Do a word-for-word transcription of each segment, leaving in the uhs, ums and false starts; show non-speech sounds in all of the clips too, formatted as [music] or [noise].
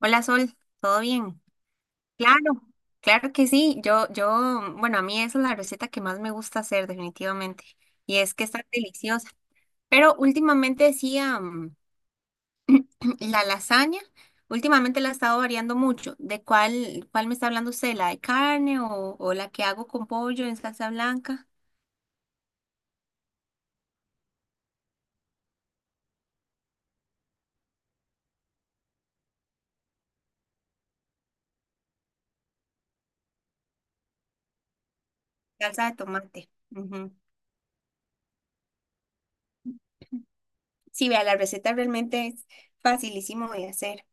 Hola Sol, ¿todo bien? Claro, claro que sí. Yo, yo, bueno, a mí esa es la receta que más me gusta hacer definitivamente. Y es que está deliciosa. Pero últimamente decía [clears throat] la lasaña, últimamente la he estado variando mucho. ¿De cuál, cuál me está hablando usted? ¿La de carne o, o la que hago con pollo en salsa blanca? Salsa de tomate. Ujú. Sí, vea, la receta realmente es facilísimo de hacer.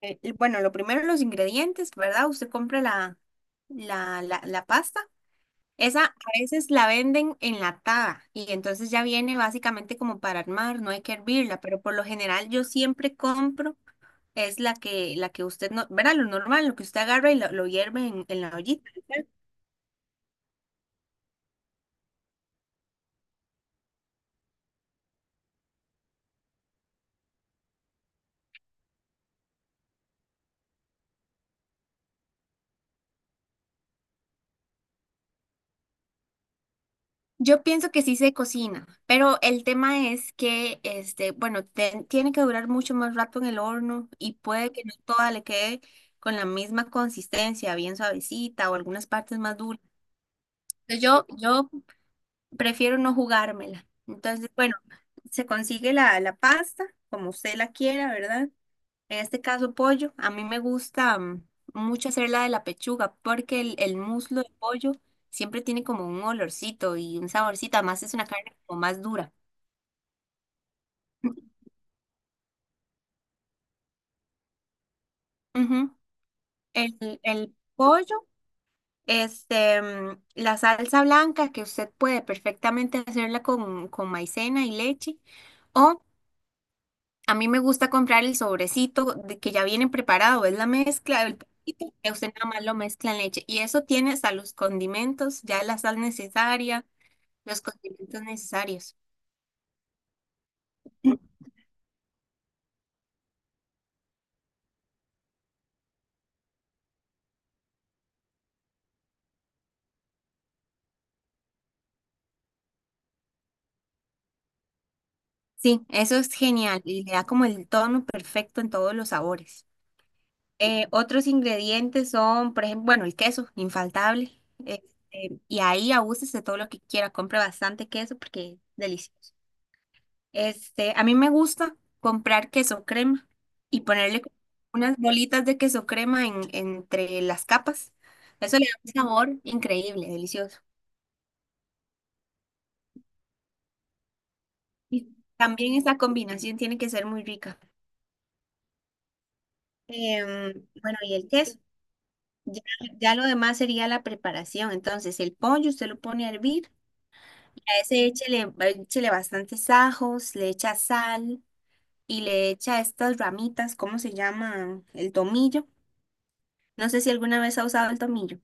Eh, y bueno, lo primero los ingredientes, ¿verdad? Usted compra la, la, la, la pasta. Esa a veces la venden enlatada y entonces ya viene básicamente como para armar, no hay que hervirla, pero por lo general yo siempre compro, es la que, la que usted, no, ¿verdad? Lo normal, lo que usted agarra y lo, lo hierve en, en la ollita. Yo pienso que sí se cocina, pero el tema es que, este, bueno, te- tiene que durar mucho más rato en el horno y puede que no toda le quede con la misma consistencia, bien suavecita o algunas partes más duras. Entonces, Yo, yo prefiero no jugármela. Entonces, bueno, se consigue la, la pasta como usted la quiera, ¿verdad? En este caso, pollo. A mí me gusta mm, mucho hacer la de la pechuga porque el, el muslo de pollo siempre tiene como un olorcito y un saborcito. Además, es una carne como más dura. [clears throat] Ujú. El, el pollo, este, mm, la salsa blanca que usted puede perfectamente hacerla con, con maicena y leche. O a mí me gusta comprar el sobrecito de que ya viene preparado, es la mezcla del poquito, que usted nada más lo mezcla en leche. Y eso tiene hasta los condimentos, ya la sal necesaria, los condimentos necesarios. Sí, eso es genial y le da como el tono perfecto en todos los sabores. Eh, otros ingredientes son, por ejemplo, bueno, el queso, infaltable. Este, y ahí abúsese todo lo que quiera, compre bastante queso porque es delicioso. Este, a mí me gusta comprar queso crema y ponerle como unas bolitas de queso crema en- entre las capas. Eso le da un sabor increíble, delicioso. Y también esa combinación tiene que ser muy rica. Em, bueno, y el queso. Ya, ya lo demás sería la preparación. Entonces, el pollo usted lo pone a hervir. A ese échele, échele bastantes ajos, le echa sal y le echa estas ramitas, ¿cómo se llaman? El tomillo. No sé si alguna vez ha usado el tomillo.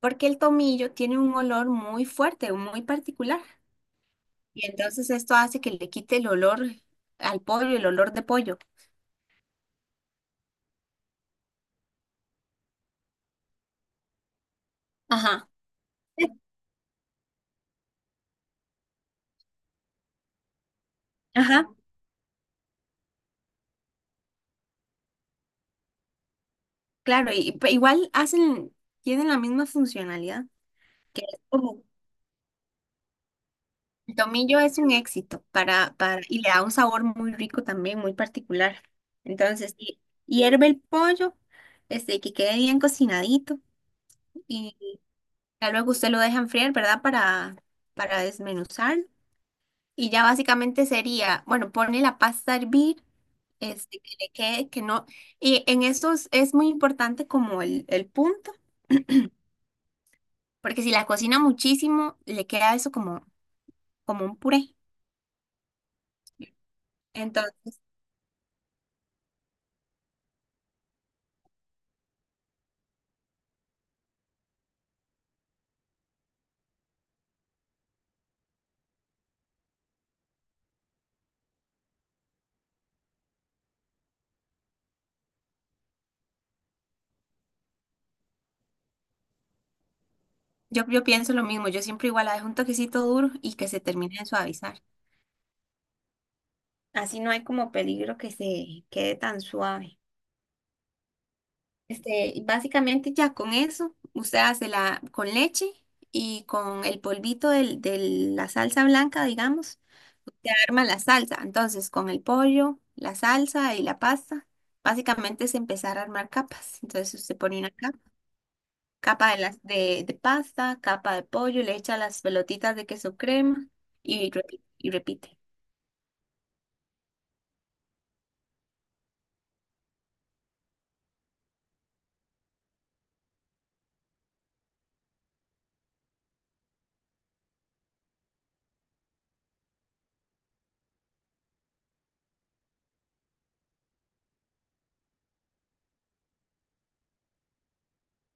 Porque el tomillo tiene un olor muy fuerte, muy particular. Y entonces esto hace que le quite el olor al pollo, el olor de pollo. Ajá. Ajá. Claro, y, pe- igual hacen, tienen la misma funcionalidad, que es como el tomillo es un éxito para, para, y le da un sabor muy rico también, muy particular. Entonces, hi- hierve el pollo, este, que quede bien cocinadito, y ya luego usted lo deja enfriar, ¿verdad? Para, para desmenuzar. Y ya básicamente sería, bueno, pone la pasta a hervir, este, que le quede, que no. Y en estos es muy importante como el, el punto, porque si la cocina muchísimo, le queda eso como, como un puré. Entonces, yo, yo pienso lo mismo, yo siempre igual la dejo un toquecito duro y que se termine de suavizar. Así no hay como peligro que se quede tan suave. Este, y básicamente ya con eso, usted hace la con leche y con el polvito del- de la salsa blanca, digamos, usted arma la salsa. Entonces, con el pollo, la salsa y la pasta, básicamente es empezar a armar capas. Entonces, usted pone una capa, capa de, las, de, de pasta, capa de pollo, le echa las pelotitas de queso crema y, repi- y repite.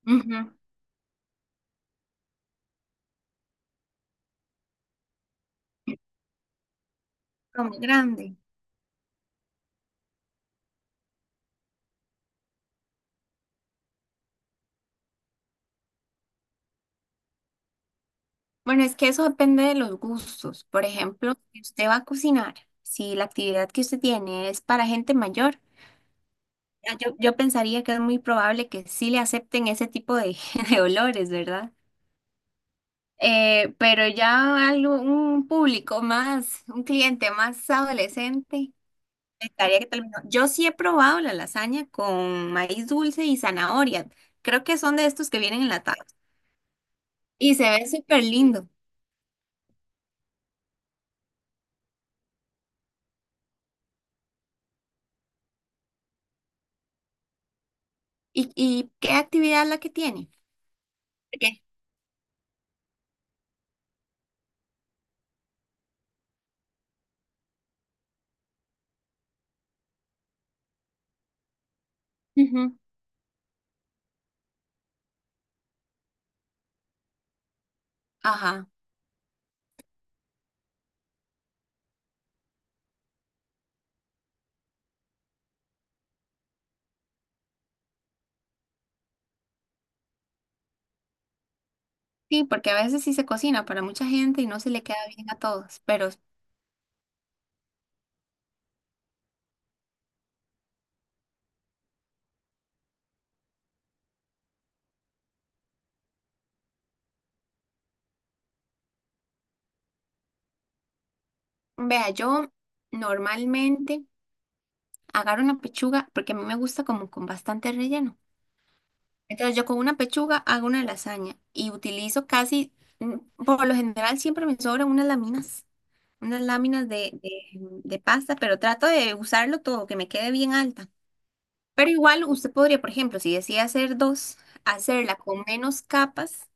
Ujú. Como grande. Bueno, es que eso depende de los gustos. Por ejemplo, si usted va a cocinar, si la actividad que usted tiene es para gente mayor, ya yo, yo pensaría que es muy probable que sí le acepten ese tipo de, [laughs] de olores, ¿verdad? Eh, pero ya algo, un público más, un cliente más adolescente, estaría que tal vez no. Yo sí he probado la lasaña con maíz dulce y zanahoria. Creo que son de estos que vienen enlatados. Y se ve súper lindo. ¿Y, y qué actividad es la que tiene? ¿Por qué? Ajá. Sí, porque a veces sí se cocina para mucha gente y no se le queda bien a todos. Pero vea, yo normalmente agarro una pechuga porque a mí me gusta como con bastante relleno. Entonces yo con una pechuga hago una lasaña y utilizo casi, mm, por lo general siempre me sobran unas láminas, unas láminas de, de, de pasta, pero trato de usarlo todo, que me quede bien alta. Pero igual usted podría, por ejemplo, si decide hacer dos, hacerla con menos capas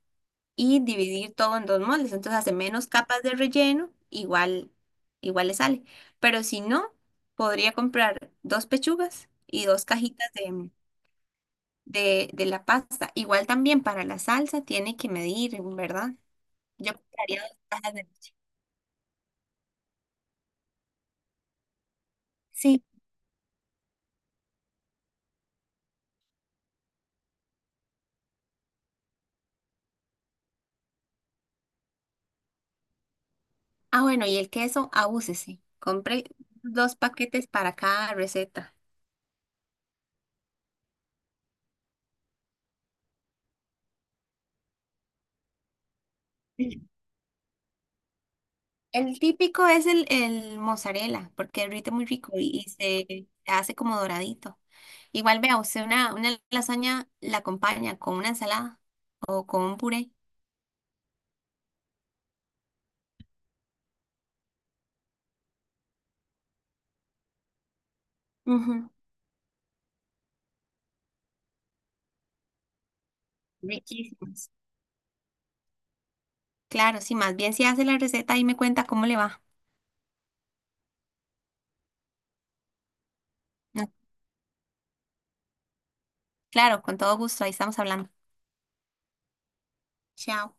y dividir todo en dos moldes. Entonces hace menos capas de relleno, igual, igual le sale. Pero si no, podría comprar dos pechugas y dos cajitas de, de, de la pasta. Igual también para la salsa tiene que medir, ¿verdad? Yo compraría dos cajas de... leche. Sí. Ah, bueno, y el queso, abúsese. Compre dos paquetes para cada receta. Sí. El típico es el, el mozzarella, porque derrite muy rico y, y se hace como doradito. Igual vea, usted una, una lasaña la acompaña con una ensalada o con un puré. Ujú. Riquísimas. Claro, sí, más bien si hace la receta y me cuenta cómo le va. No, claro, con todo gusto, ahí estamos hablando. Chao.